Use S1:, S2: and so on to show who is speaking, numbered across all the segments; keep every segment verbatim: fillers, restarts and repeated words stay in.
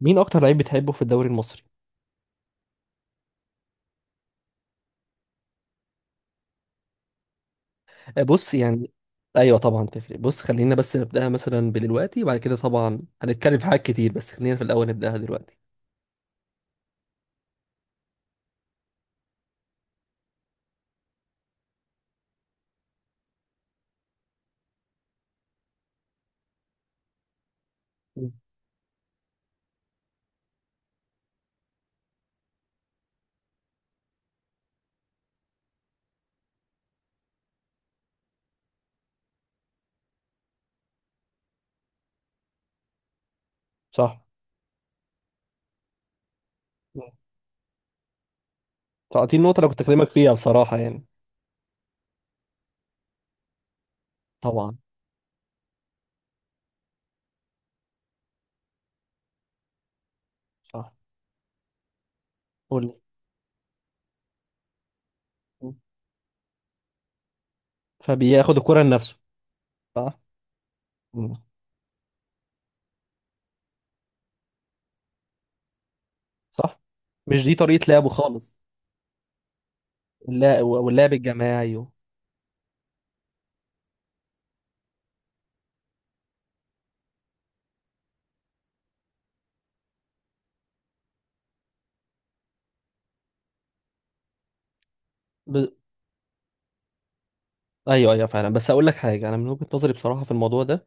S1: مين اكتر لعيب بتحبه في الدوري المصري؟ آه، بص يعني. ايوه طبعا تفرق. بص، خلينا بس نبداها مثلا بدلوقتي، وبعد كده طبعا هنتكلم في حاجات كتير، بس خلينا في الاول نبداها دلوقتي. مم. صح. مم. تعطيني النقطه اللي كنت اكلمك فيها بصراحه يعني. طبعا. صح. قول لي. مم. فبياخد الكره لنفسه. صح. مم. صح. مش دي طريقه لعبه خالص. اللا- واللعب الجماعي و... ب... ايوه، ايوه، فعلا. بس اقول لك حاجه، انا من وجهه نظري بصراحه في الموضوع ده.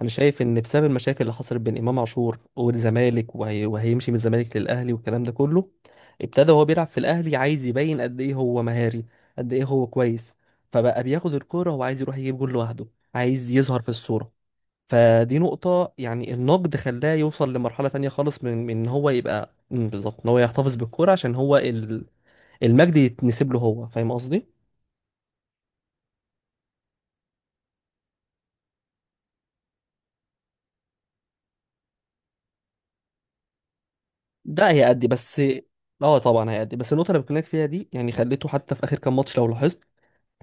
S1: انا شايف ان بسبب المشاكل اللي حصلت بين امام عاشور والزمالك وهي وهيمشي من الزمالك للاهلي والكلام ده كله. ابتدى وهو بيلعب في الاهلي عايز يبين قد ايه هو مهاري، قد ايه هو كويس. فبقى بياخد الكوره وعايز يروح يجيب جول لوحده، عايز يظهر في الصوره. فدي نقطه، يعني النقد خلاه يوصل لمرحله تانية خالص، من من ان هو يبقى، مم، بالظبط ان هو يحتفظ بالكوره عشان هو ال- المجد يتنسب له. هو فاهم قصدي. ده هيأدي، بس اه طبعا هيأدي. بس النقطة اللي بكلمك فيها دي يعني خليته حتى في آخر كام ماتش لو لاحظت،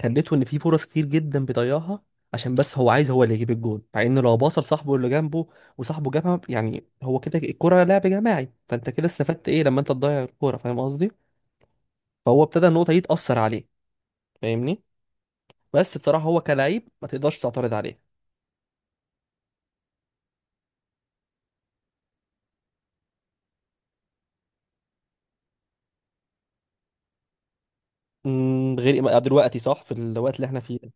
S1: خليته ان في فرص كتير جدا بيضيعها، عشان بس هو عايز هو اللي يجيب الجول، مع ان لو باص لصاحبه اللي جنبه وصاحبه جابها، يعني هو كده الكرة لعب جماعي. فانت كده استفدت ايه لما انت تضيع الكرة؟ فاهم قصدي. فهو ابتدى النقطة دي تأثر عليه، فاهمني. بس بصراحة هو كلاعب ما تقدرش تعترض عليه. امم، غير إم- دلوقتي؟ صح، في الوقت اللي احنا فيه ده.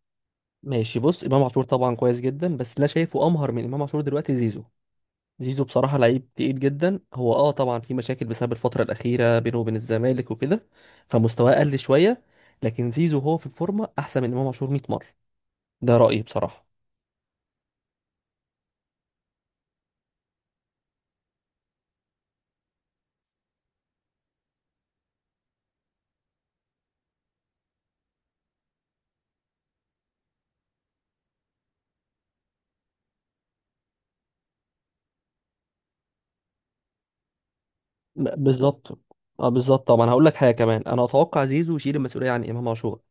S1: ماشي، بص، امام عاشور طبعا كويس جدا، بس اللي انا شايفه امهر من امام عاشور دلوقتي زيزو. زيزو بصراحة لعيب تقيل جدا. هو اه طبعا في مشاكل بسبب الفترة الأخيرة بينه وبين الزمالك وكده، فمستواه قل شوية، لكن زيزو هو في الفورمة أحسن من إمام عاشور ميه مرة. ده رأيي بصراحة. م- بالظبط. اه بالظبط. طبعا هقول لك حاجة كمان، أنا أتوقع زيزو يشيل المسؤولية عن إمام عاشور.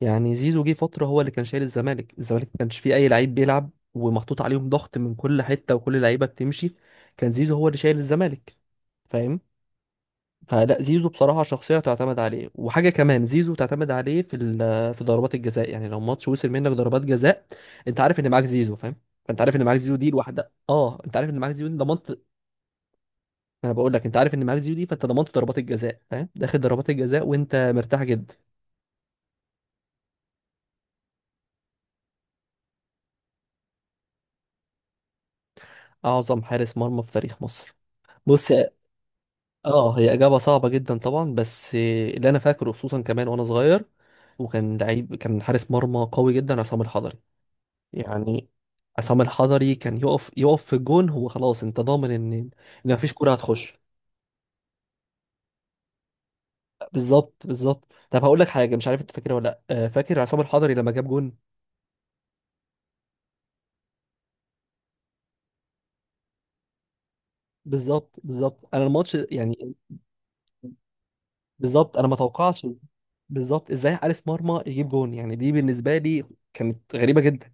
S1: يعني زيزو جه فترة هو اللي كان شايل الزمالك. الزمالك ما كانش فيه أي لعيب بيلعب، ومحطوط عليهم ضغط من كل حتة، وكل لعيبة بتمشي. كان زيزو هو اللي شايل الزمالك، فاهمني. فلا، زيزو بصراحة شخصية تعتمد عليه. وحاجة كمان، زيزو تعتمد عليه في ال- في ضربات الجزاء. يعني لو ماتش وصل منك ضربات جزاء، انت عارف ان معاك زيزو، فاهم؟ فانت عارف ان معاك زيزو دي لوحدها، اه انت عارف ان معاك زيزو دي ضمنت ما. انا بقول لك، انت عارف ان معاك زيزو دي فانت ضمنت ضربات الجزاء، فاهم؟ داخل ضربات الجزاء وانت مرتاح جدا. اعظم حارس مرمى في تاريخ مصر. بص، اه، هي اجابة صعبة جدا طبعا، بس اللي انا فاكره خصوصا كمان وانا صغير وكان لعيب، كان حارس مرمى قوي جدا، عصام الحضري. يعني عصام الحضري كان يقف، يقف في الجون، هو خلاص انت ضامن ان، ان مفيش كوره هتخش. بالظبط، بالظبط. طب هقول لك حاجه، مش عارف انت فاكرها ولا لا. آه، فاكر عصام الحضري لما جاب جون؟ بالظبط، بالظبط. انا الماتش يعني، بالظبط، انا ما توقعش. بالظبط، ازاي حارس مرمى يجيب جون؟ يعني دي بالنسبه لي كانت غريبه جدا.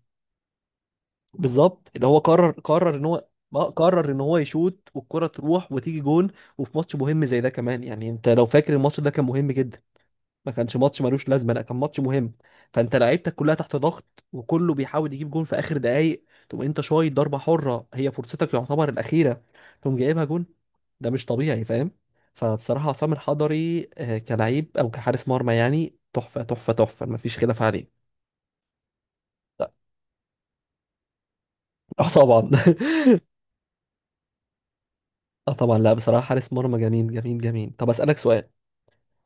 S1: بالظبط، اللي هو قرر، قرر ان هو ما قرر ان هو يشوت والكره تروح وتيجي جون. وفي ماتش مهم زي ده كمان، يعني انت لو فاكر الماتش ده كان مهم جدا. ما كانش ماتش ملوش لازمه، لا كان ماتش مهم. فانت لعيبتك كلها تحت ضغط، وكله بيحاول يجيب جون في اخر دقايق، تقوم انت شايط ضربه حره هي فرصتك يعتبر الاخيره، تقوم جايبها جون. ده مش طبيعي، فاهم؟ فبصراحه عصام الحضري، آه، كلعيب او كحارس مرمى يعني تحفه، تحفه، تحفه. ما فيش خلاف عليه. اه طبعا. اه طبعا. لا بصراحه حارس مرمى جميل، جميل، جميل. طب اسالك سؤال،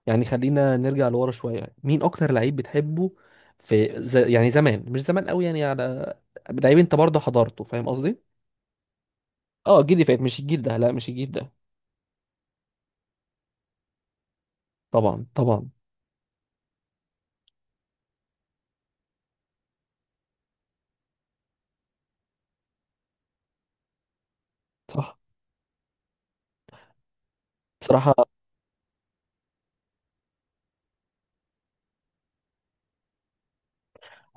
S1: يعني خلينا نرجع لورا شوية. مين أكتر لعيب بتحبه في زي، يعني زمان، مش زمان قوي، يعني على لعيب أنت برضه حضرته، فاهم قصدي؟ أه، الجيل اللي فات، مش الجيل ده، لا مش الجيل ده. طبعا، طبعا. صح بصراحة.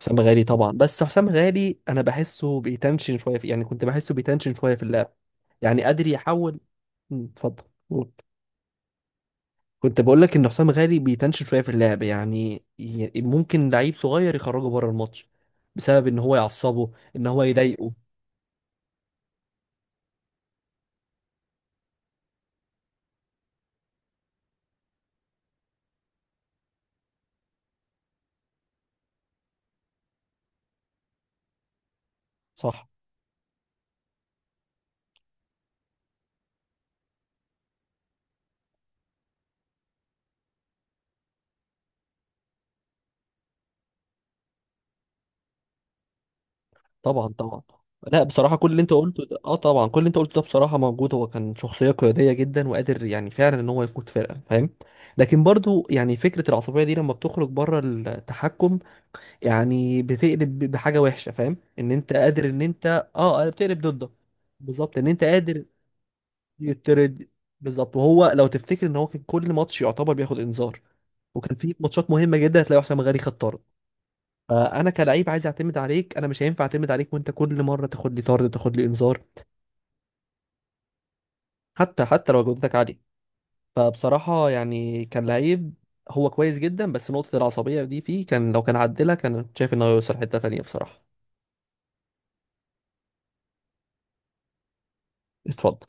S1: حسام غالي طبعا. بس حسام غالي أنا بحسه بيتنشن شوية في، يعني كنت بحسه بيتنشن شوية في اللعب. يعني قادر يحول. مم، اتفضل. قول. كنت بقول لك إن حسام غالي بيتنشن شوية في اللعب، يعني ي- ممكن لعيب صغير يخرجه بره الماتش، بسبب إن هو يعصبه، إن هو يضايقه. صح. طبعا، طبعا. لا بصراحة كل اللي انت قلته ده اه طبعا كل اللي انت قلته ده بصراحة موجود. هو كان شخصية قيادية جدا، وقادر يعني فعلا ان هو يقود فرقة، فاهم؟ لكن برضو يعني فكرة العصبية دي لما بتخرج بره التحكم، يعني بتقلب ب- بحاجة وحشة، فاهم؟ ان انت قادر ان انت، اه، آه، بتقلب ضدك. بالظبط، ان انت قادر يطرد. بالظبط. وهو لو تفتكر ان هو كان كل ماتش يعتبر بياخد انذار، وكان في ماتشات مهمة جدا هتلاقي حسام غالي خد طرد. فانا كلعيب عايز اعتمد عليك، انا مش هينفع اعتمد عليك وانت كل مره تاخد لي طرد، تاخد لي انذار. حتى حتى لو جودتك عاليه. فبصراحه يعني كان لعيب هو كويس جدا، بس نقطه العصبيه دي فيه، كان لو كان عدلها، كان كنت شايف انه هيوصل حته تانية بصراحه. اتفضل.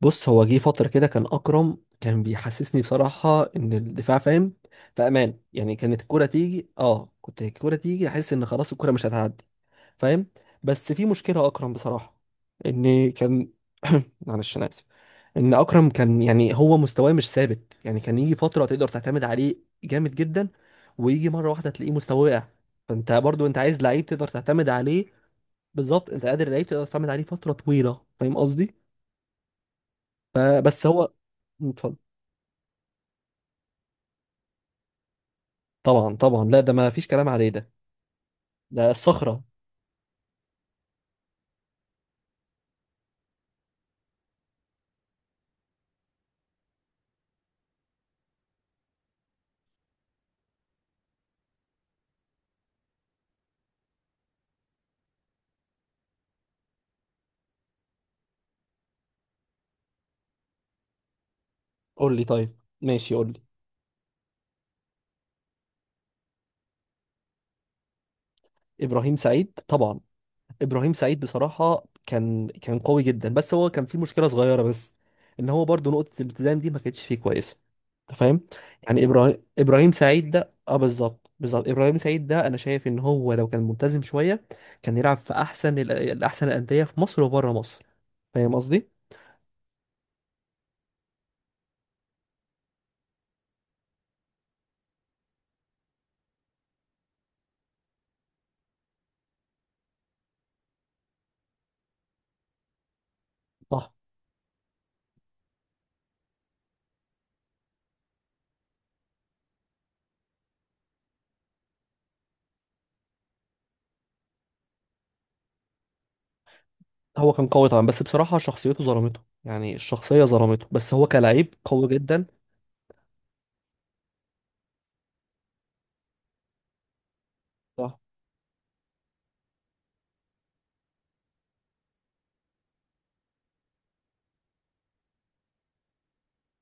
S1: بص، هو جه فتره كده كان اكرم كان بيحسسني بصراحه ان الدفاع، فاهم؟ في امان. يعني كانت الكره تيجي اه كنت الكره تيجي احس ان خلاص الكره مش هتعدي، فاهم؟ بس في مشكله اكرم بصراحه، ان كان معلش انا آسف. ان اكرم كان، يعني هو مستواه مش ثابت. يعني كان يجي فتره تقدر تعتمد عليه جامد جدا، ويجي مره واحده تلاقيه مستواه وقع. فانت برضو انت عايز لعيب تقدر تعتمد عليه. بالظبط، انت قادر لعيب تقدر تعتمد عليه فتره طويله، فاهم قصدي؟ فبس هو. اتفضل. طبعا، طبعا. لا ده ما فيش كلام عليه ده. ده الصخره. قول لي، طيب، ماشي قول لي. ابراهيم سعيد، طبعا. ابراهيم سعيد بصراحه كان كان قوي جدا. بس هو كان فيه مشكله صغيره بس، ان هو برضو نقطه الالتزام دي ما كانتش فيه كويسه. انت فاهم؟ يعني ابراهيم ابراهيم سعيد ده، اه بالظبط، بالظبط، ابراهيم سعيد ده انا شايف ان هو لو كان ملتزم شويه، كان يلعب في احسن ال- الاحسن الانديه في مصر وبره مصر، فاهم قصدي؟ صح. هو كان قوي طبعا، بس بصراحه شخصيته ظلمته. يعني الشخصيه ظلمته، بس هو كلاعب قوي جدا. صح.